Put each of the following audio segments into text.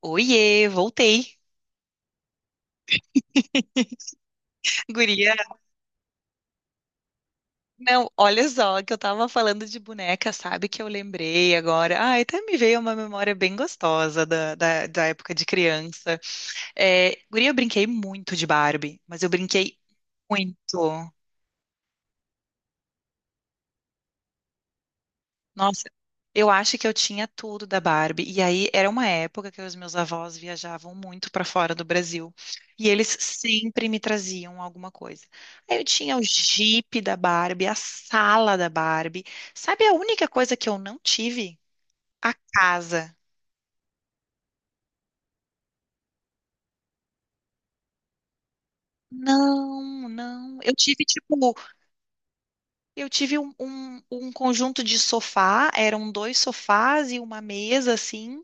Oiê, voltei. Guria, não, olha só que eu tava falando de boneca, sabe que eu lembrei agora. Ai, até me veio uma memória bem gostosa da época de criança. É, guria, eu brinquei muito de Barbie, mas eu brinquei muito. Nossa, eu acho que eu tinha tudo da Barbie. E aí era uma época que os meus avós viajavam muito para fora do Brasil. E eles sempre me traziam alguma coisa. Aí eu tinha o Jeep da Barbie, a sala da Barbie. Sabe a única coisa que eu não tive? A casa. Não, não. Eu tive tipo, eu tive um conjunto de sofá, eram dois sofás e uma mesa assim.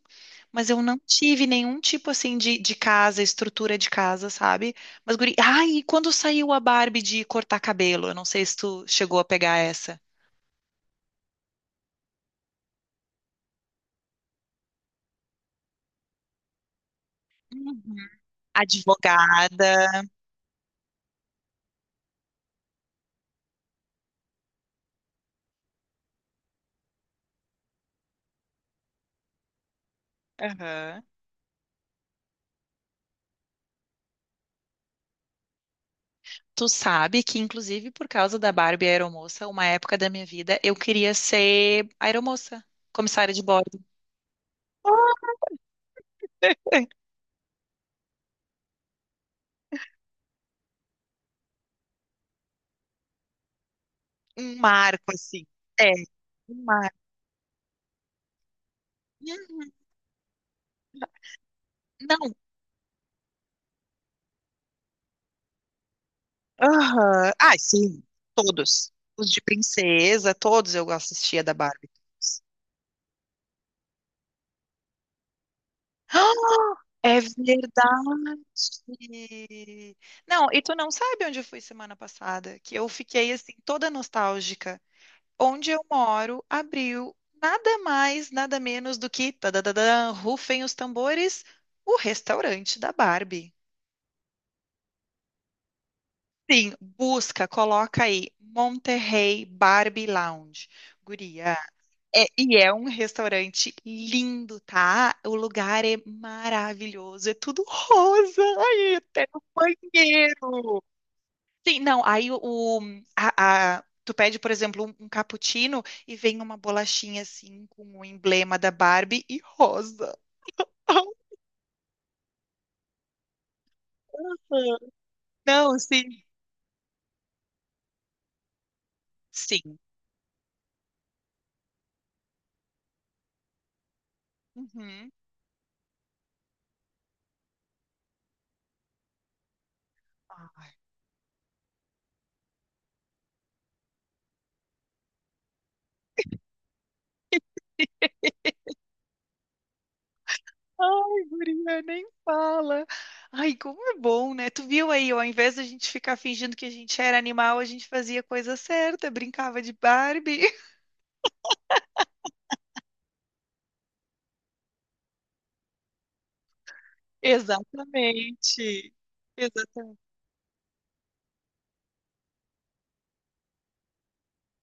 Mas eu não tive nenhum tipo assim de casa, estrutura de casa, sabe? Mas, guri. Ai, e quando saiu a Barbie de cortar cabelo? Eu não sei se tu chegou a pegar essa. Uhum. Advogada. Aham. Tu sabe que, inclusive, por causa da Barbie aeromoça, uma época da minha vida, eu queria ser aeromoça, comissária de bordo. Um marco, assim. É, um marco. Não. Aham. Ah, sim. Todos. Os de princesa, todos eu assistia da Barbie. Ah, é verdade. Não, e tu não sabe onde eu fui semana passada, que eu fiquei assim toda nostálgica. Onde eu moro abriu nada mais, nada menos do que tadadadã, rufem os tambores, o restaurante da Barbie. Sim, busca, coloca aí Monterrey Barbie Lounge. Guria, é, e é um restaurante lindo, tá? O lugar é maravilhoso, é tudo rosa, aí até no banheiro. Sim, não, aí tu pede, por exemplo, um cappuccino e vem uma bolachinha assim com o emblema da Barbie e rosa. Não, sim, sim. Uhum. Ai. Ai, guria, nem fala. Ai, como é bom, né? Tu viu aí, ó, ao invés da gente ficar fingindo que a gente era animal, a gente fazia coisa certa, brincava de Barbie. Exatamente. Exatamente.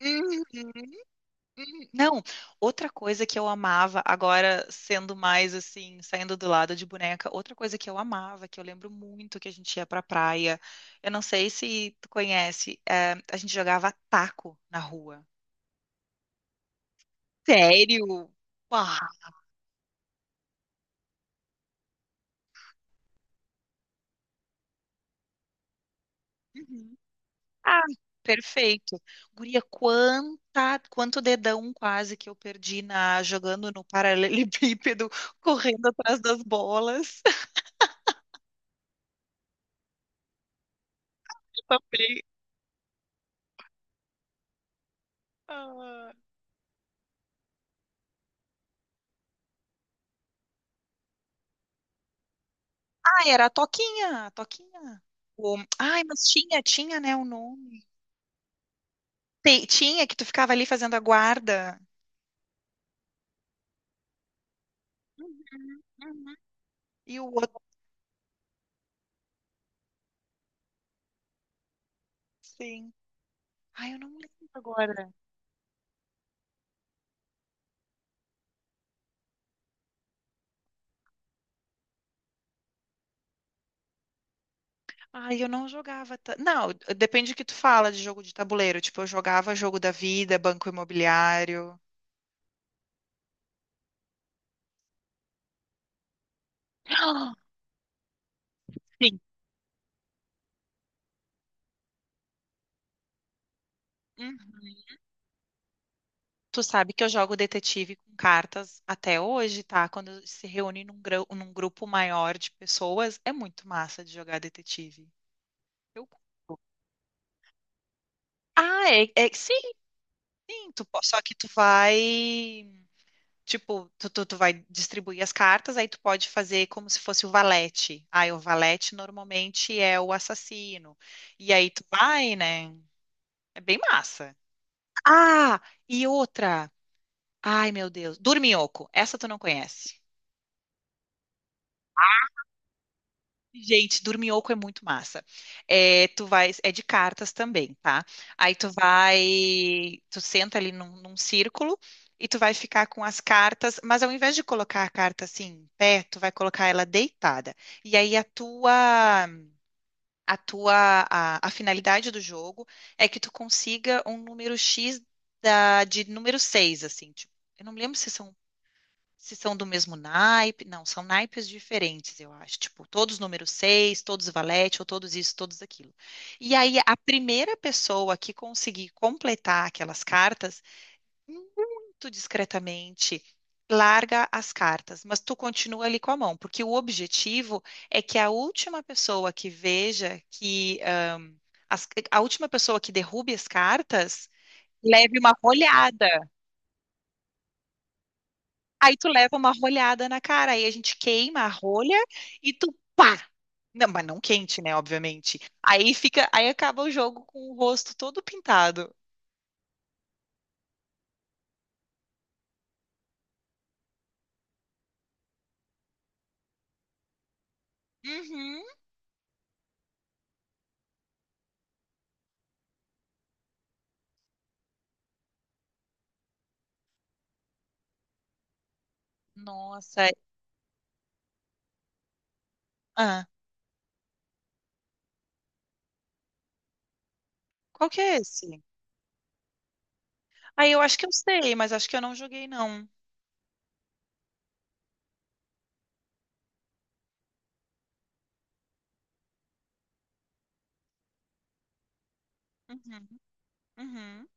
Uhum, uhum. Não, outra coisa que eu amava, agora sendo mais assim, saindo do lado de boneca, outra coisa que eu amava, que eu lembro muito que a gente ia pra praia, eu não sei se tu conhece, a gente jogava taco na rua. Sério? Uau! Uhum. Ah, perfeito. Guria, quanta, quanto dedão quase que eu perdi na jogando no paralelepípedo, correndo atrás das bolas. Eu também. Ah. Ah, era a Toquinha, a Toquinha. Ai, mas tinha, tinha, né, o nome. Tinha que tu ficava ali fazendo a guarda. Uhum. E o outro, sim. Ai, eu não lembro agora. Ai, eu não jogava. Não, depende do que tu fala de jogo de tabuleiro. Tipo, eu jogava jogo da vida, banco imobiliário. Ah. Sim. Uhum. Tu sabe que eu jogo detetive com cartas até hoje, tá? Quando se reúne num, num grupo maior de pessoas, é muito massa de jogar detetive. Eu curto. Ah, é, sim. Sim, só que tu vai. Tipo, tu vai distribuir as cartas, aí tu pode fazer como se fosse o valete. Aí o valete normalmente é o assassino. E aí tu vai, né? É bem massa. Ah, e outra. Ai, meu Deus. Dorminhoco. Essa tu não conhece. Gente, Dorminhoco é muito massa. É, tu vai, é de cartas também, tá? Aí tu vai, tu senta ali num círculo e tu vai ficar com as cartas, mas ao invés de colocar a carta assim em pé, tu vai colocar ela deitada. E aí a tua, a finalidade do jogo é que tu consiga um número X de número 6 assim, tipo, eu não me lembro se são se são do mesmo naipe, não, são naipes diferentes, eu acho. Tipo, todos número 6 todos valete, ou todos isso, todos aquilo. E aí, a primeira pessoa que conseguir completar aquelas cartas, muito discretamente, larga as cartas, mas tu continua ali com a mão, porque o objetivo é que a última pessoa que veja que. A última pessoa que derrube as cartas leve uma olhada. Aí tu leva uma rolhada na cara, aí a gente queima a rolha e tu pá! Não, mas não quente, né? Obviamente. Aí fica, aí acaba o jogo com o rosto todo pintado. Uhum. Nossa. Ah, qual que é esse? Aí eu acho que eu sei, mas acho que eu não joguei, não. Uhum, uhum,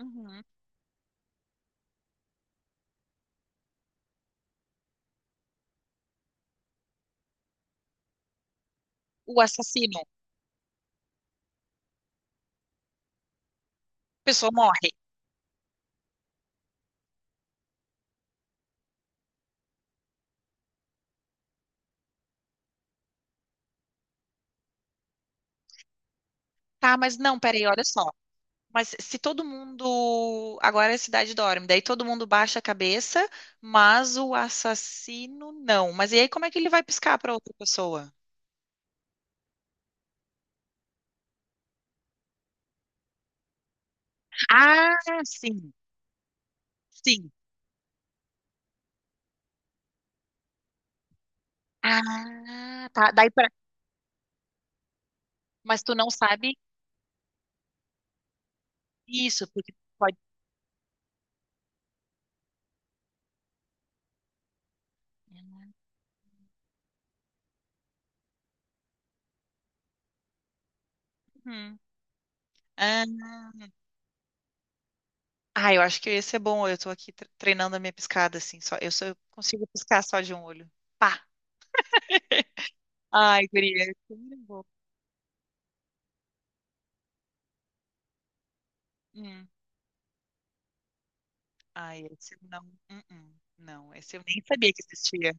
uhum. O assassino. A pessoa morre. Tá, mas não, peraí, olha só. Mas se todo mundo. Agora a cidade dorme, daí todo mundo baixa a cabeça, mas o assassino não. Mas e aí como é que ele vai piscar para outra pessoa? Ah, sim, sim. Ah, tá. Daí pra... Mas tu não sabe isso, porque pode. Uhum. Ah, ah, eu acho que esse é bom. Eu tô aqui treinando a minha piscada, assim. Só eu consigo piscar só de um olho. Pá! Ai, guria. É tão bom. Ai, esse eu não. Uh-uh. Não, esse eu nem sabia que existia.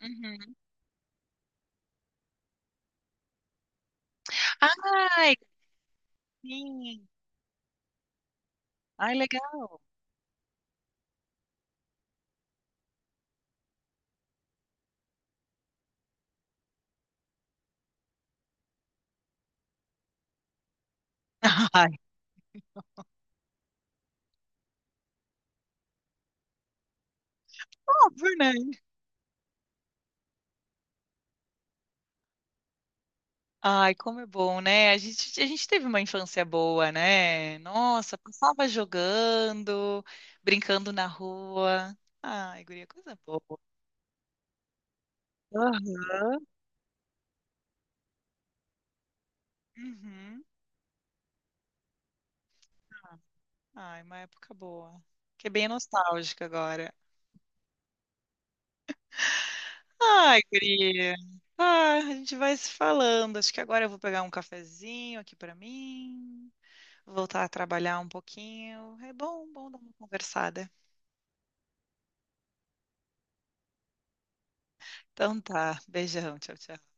Uhum. Ai, sim. Ai, legal. Ai, óbvio, né? Ai, como é bom, né? A gente teve uma infância boa, né? Nossa, passava jogando, brincando na rua. Ai, guria, coisa boa. Aham. Uhum. Ai, uma época boa. Que é bem nostálgica agora. Ai, queria. Ah, a gente vai se falando. Acho que agora eu vou pegar um cafezinho aqui pra mim, voltar a trabalhar um pouquinho. É bom, bom dar uma conversada. Então tá, beijão, tchau, tchau.